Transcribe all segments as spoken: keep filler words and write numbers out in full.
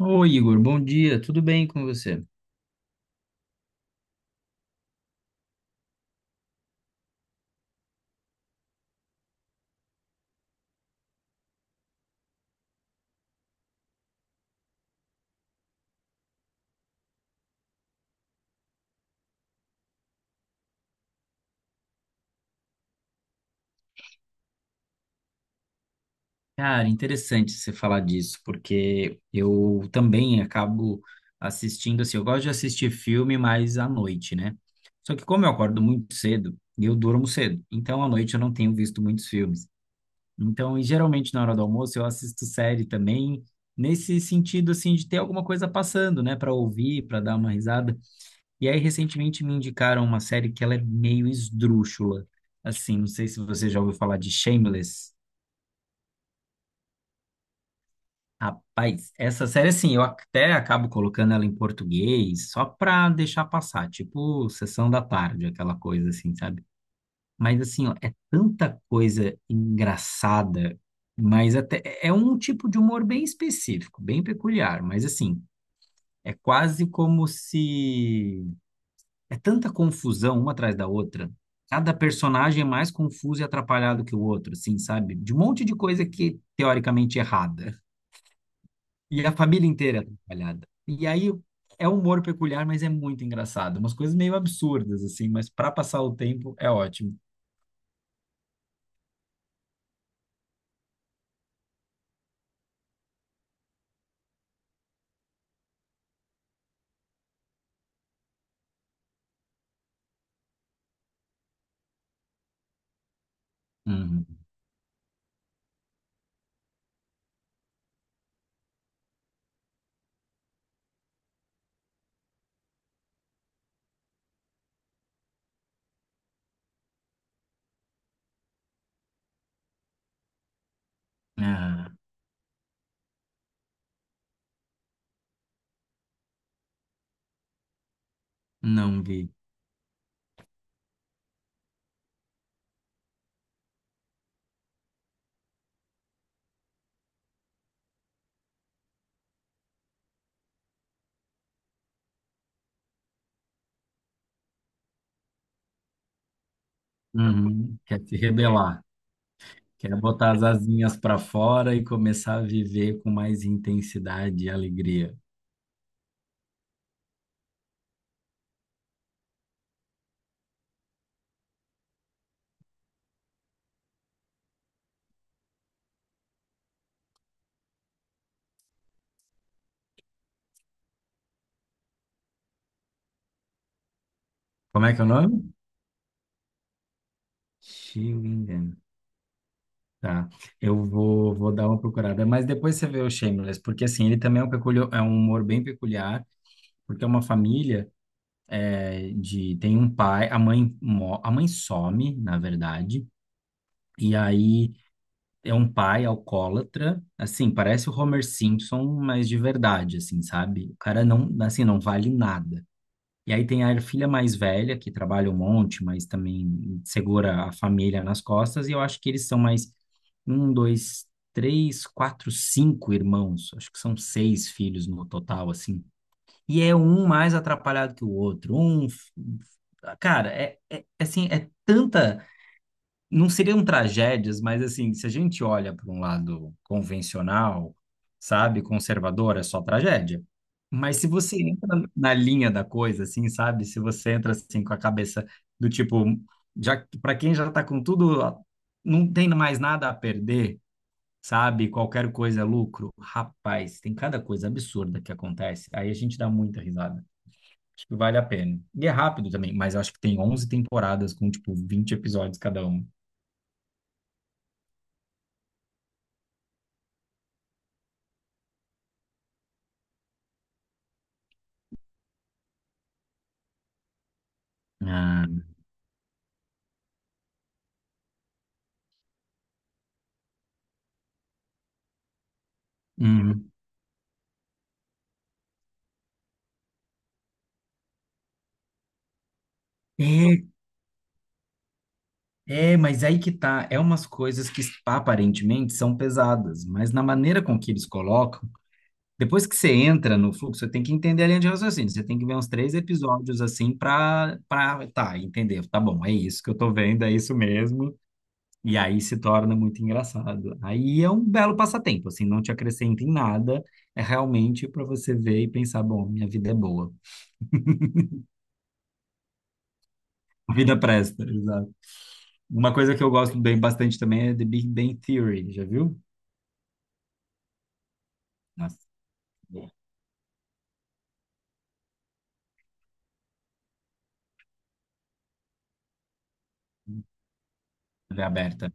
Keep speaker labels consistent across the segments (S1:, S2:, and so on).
S1: Oi, Igor, bom dia, tudo bem com você? Cara, interessante você falar disso, porque eu também acabo assistindo, assim, eu gosto de assistir filme mais à noite, né? Só que como eu acordo muito cedo, eu durmo cedo, então à noite eu não tenho visto muitos filmes. Então, e geralmente na hora do almoço eu assisto série também, nesse sentido, assim, de ter alguma coisa passando, né, para ouvir, para dar uma risada. E aí, recentemente me indicaram uma série que ela é meio esdrúxula. Assim, não sei se você já ouviu falar de Shameless. Rapaz, essa série, assim, eu até acabo colocando ela em português só pra deixar passar, tipo sessão da tarde, aquela coisa assim, sabe? Mas, assim, ó, é tanta coisa engraçada, mas até é um tipo de humor bem específico, bem peculiar, mas, assim, é quase como se. É tanta confusão uma atrás da outra. Cada personagem é mais confuso e atrapalhado que o outro, assim, sabe? De um monte de coisa que teoricamente é errada. E a família inteira é atrapalhada. E aí é um humor peculiar, mas é muito engraçado. Umas coisas meio absurdas, assim, mas para passar o tempo é ótimo. Uhum. Ah, não vi. Uhum. Quer se rebelar. Quer botar as asinhas para fora e começar a viver com mais intensidade e alegria. Como é que é o nome? Chewing Gum. Tá, eu vou, vou dar uma procurada, mas depois você vê o Shameless, porque assim, ele também é um, peculio- é um humor bem peculiar, porque é uma família é, de, tem um pai, a mãe, mo- a mãe some, na verdade, e aí é um pai alcoólatra, assim, parece o Homer Simpson, mas de verdade, assim, sabe? O cara não, assim, não vale nada. E aí tem a filha mais velha, que trabalha um monte, mas também segura a família nas costas, e eu acho que eles são mais um, dois, três, quatro, cinco irmãos. Acho que são seis filhos no total, assim. E é um mais atrapalhado que o outro. Um, f- cara, é, é é assim, é tanta não seriam tragédias, mas assim, se a gente olha para um lado convencional, sabe, conservador, é só tragédia. Mas se você entra na linha da coisa, assim, sabe, se você entra assim com a cabeça do tipo, já para quem já está com tudo, não tem mais nada a perder, sabe, qualquer coisa é lucro. Rapaz, tem cada coisa absurda que acontece. Aí a gente dá muita risada. Acho que vale a pena. E é rápido também, mas eu acho que tem onze temporadas com, tipo, vinte episódios cada um. Ah. Uhum. É, é, mas aí que tá. É umas coisas que aparentemente são pesadas, mas na maneira com que eles colocam, depois que você entra no fluxo, você tem que entender a linha de raciocínio. Você tem que ver uns três episódios assim para para tá, entender. Tá bom, é isso que eu tô vendo, é isso mesmo. E aí se torna muito engraçado. Aí é um belo passatempo, assim, não te acrescenta em nada. É realmente para você ver e pensar, bom, minha vida é boa. A vida presta. Uma coisa que eu gosto bem bastante também é The Big Bang Theory, já viu? Nossa, boa. T V aberta.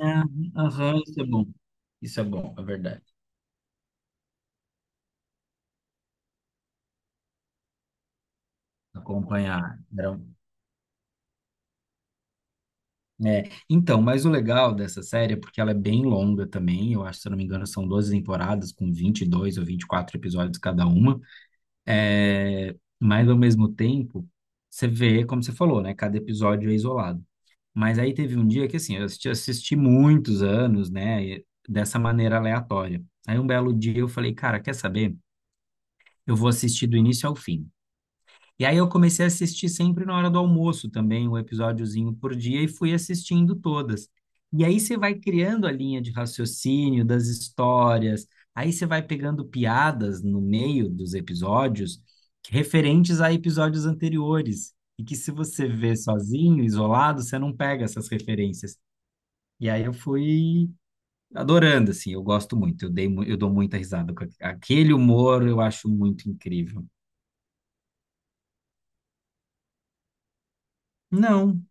S1: Ah, aham, isso é bom. Isso é bom, é verdade. Acompanhar. era um- É. Então, mas o legal dessa série é porque ela é bem longa também. Eu acho, se eu não me engano, são doze temporadas com vinte e dois ou vinte e quatro episódios cada uma. É. Mas, ao mesmo tempo, você vê, como você falou, né? Cada episódio é isolado. Mas aí teve um dia que, assim, eu assisti, assisti muitos anos, né, e- dessa maneira aleatória. Aí um belo dia eu falei, cara, quer saber? Eu vou assistir do início ao fim. E aí eu comecei a assistir sempre na hora do almoço também, um episódiozinho por dia, e fui assistindo todas. E aí você vai criando a linha de raciocínio das histórias, aí você vai pegando piadas no meio dos episódios referentes a episódios anteriores. E que se você vê sozinho, isolado, você não pega essas referências. E aí eu fui adorando, assim, eu gosto muito, eu dei, mu- eu dou muita risada com aqu- aquele humor, eu acho muito incrível. Não,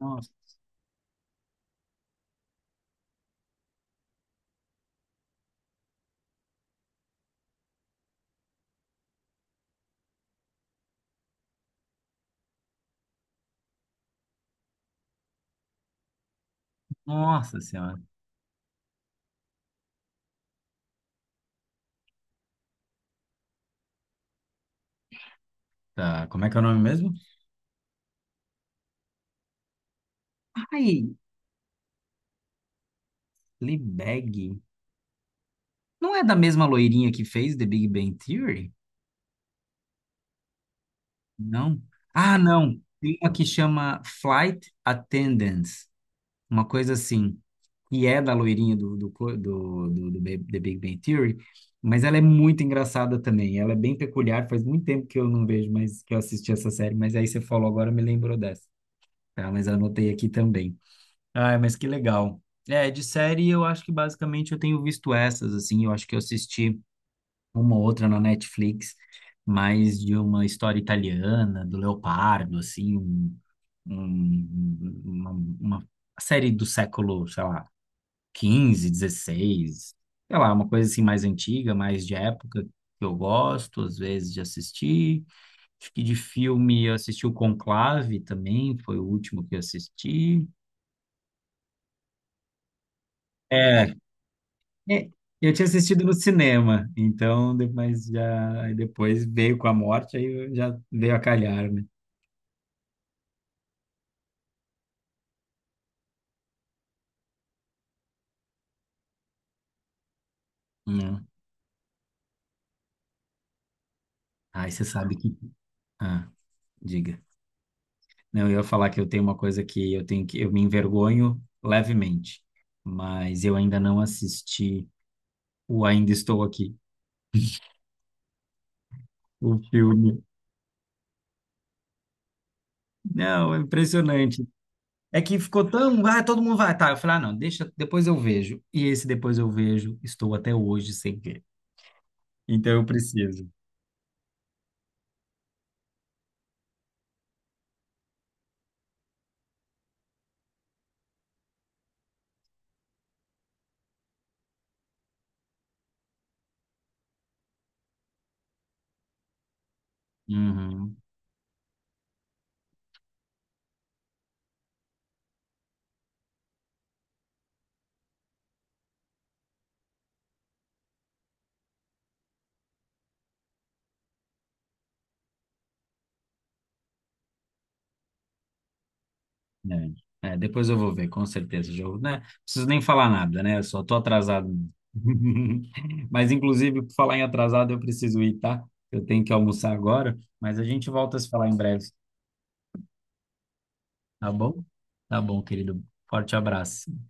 S1: nossa, nossa senhora. Tá, como é que é o nome mesmo? Ai, Fleabag. Não é da mesma loirinha que fez The Big Bang Theory? Não. Ah, não. Tem uma que chama Flight Attendants, uma coisa assim. Que é da loirinha do, do, do, do, do Ba- The Big Bang Theory, mas ela é muito engraçada também. Ela é bem peculiar, faz muito tempo que eu não vejo mais que eu assisti essa série, mas aí você falou agora, me lembrou dessa. Tá, mas anotei aqui também. Ah, mas que legal. É, de série eu acho que basicamente eu tenho visto essas, assim, eu acho que eu assisti uma ou outra na Netflix, mais de uma história italiana, do Leopardo, assim, um, um- uma, uma série do século, sei lá, quinze, dezesseis, sei lá, uma coisa assim mais antiga, mais de época, que eu gosto às vezes de assistir. Acho que de filme eu assisti o Conclave também, foi o último que eu assisti. É, é, eu tinha assistido no cinema, então depois já aí depois veio com a morte, aí eu já veio a calhar, né? Não. Aí você sabe que. Ah, diga. Não, eu ia falar que eu tenho uma coisa que eu tenho que eu me envergonho levemente, mas eu ainda não assisti o Ainda Estou Aqui, o filme. Não, é impressionante. É que ficou tão. Ah, todo mundo vai. Tá, eu falei, ah, não, deixa, depois eu vejo. E esse depois eu vejo, estou até hoje sem ver. Então eu preciso. Uhum, é. É, depois eu vou ver, com certeza. Já, vou- né? Preciso nem falar nada, né? Eu só tô atrasado mesmo. Mas, inclusive, por falar em atrasado, eu preciso ir, tá? Eu tenho que almoçar agora, mas a gente volta a se falar em breve, tá bom? Tá bom, querido. Forte abraço.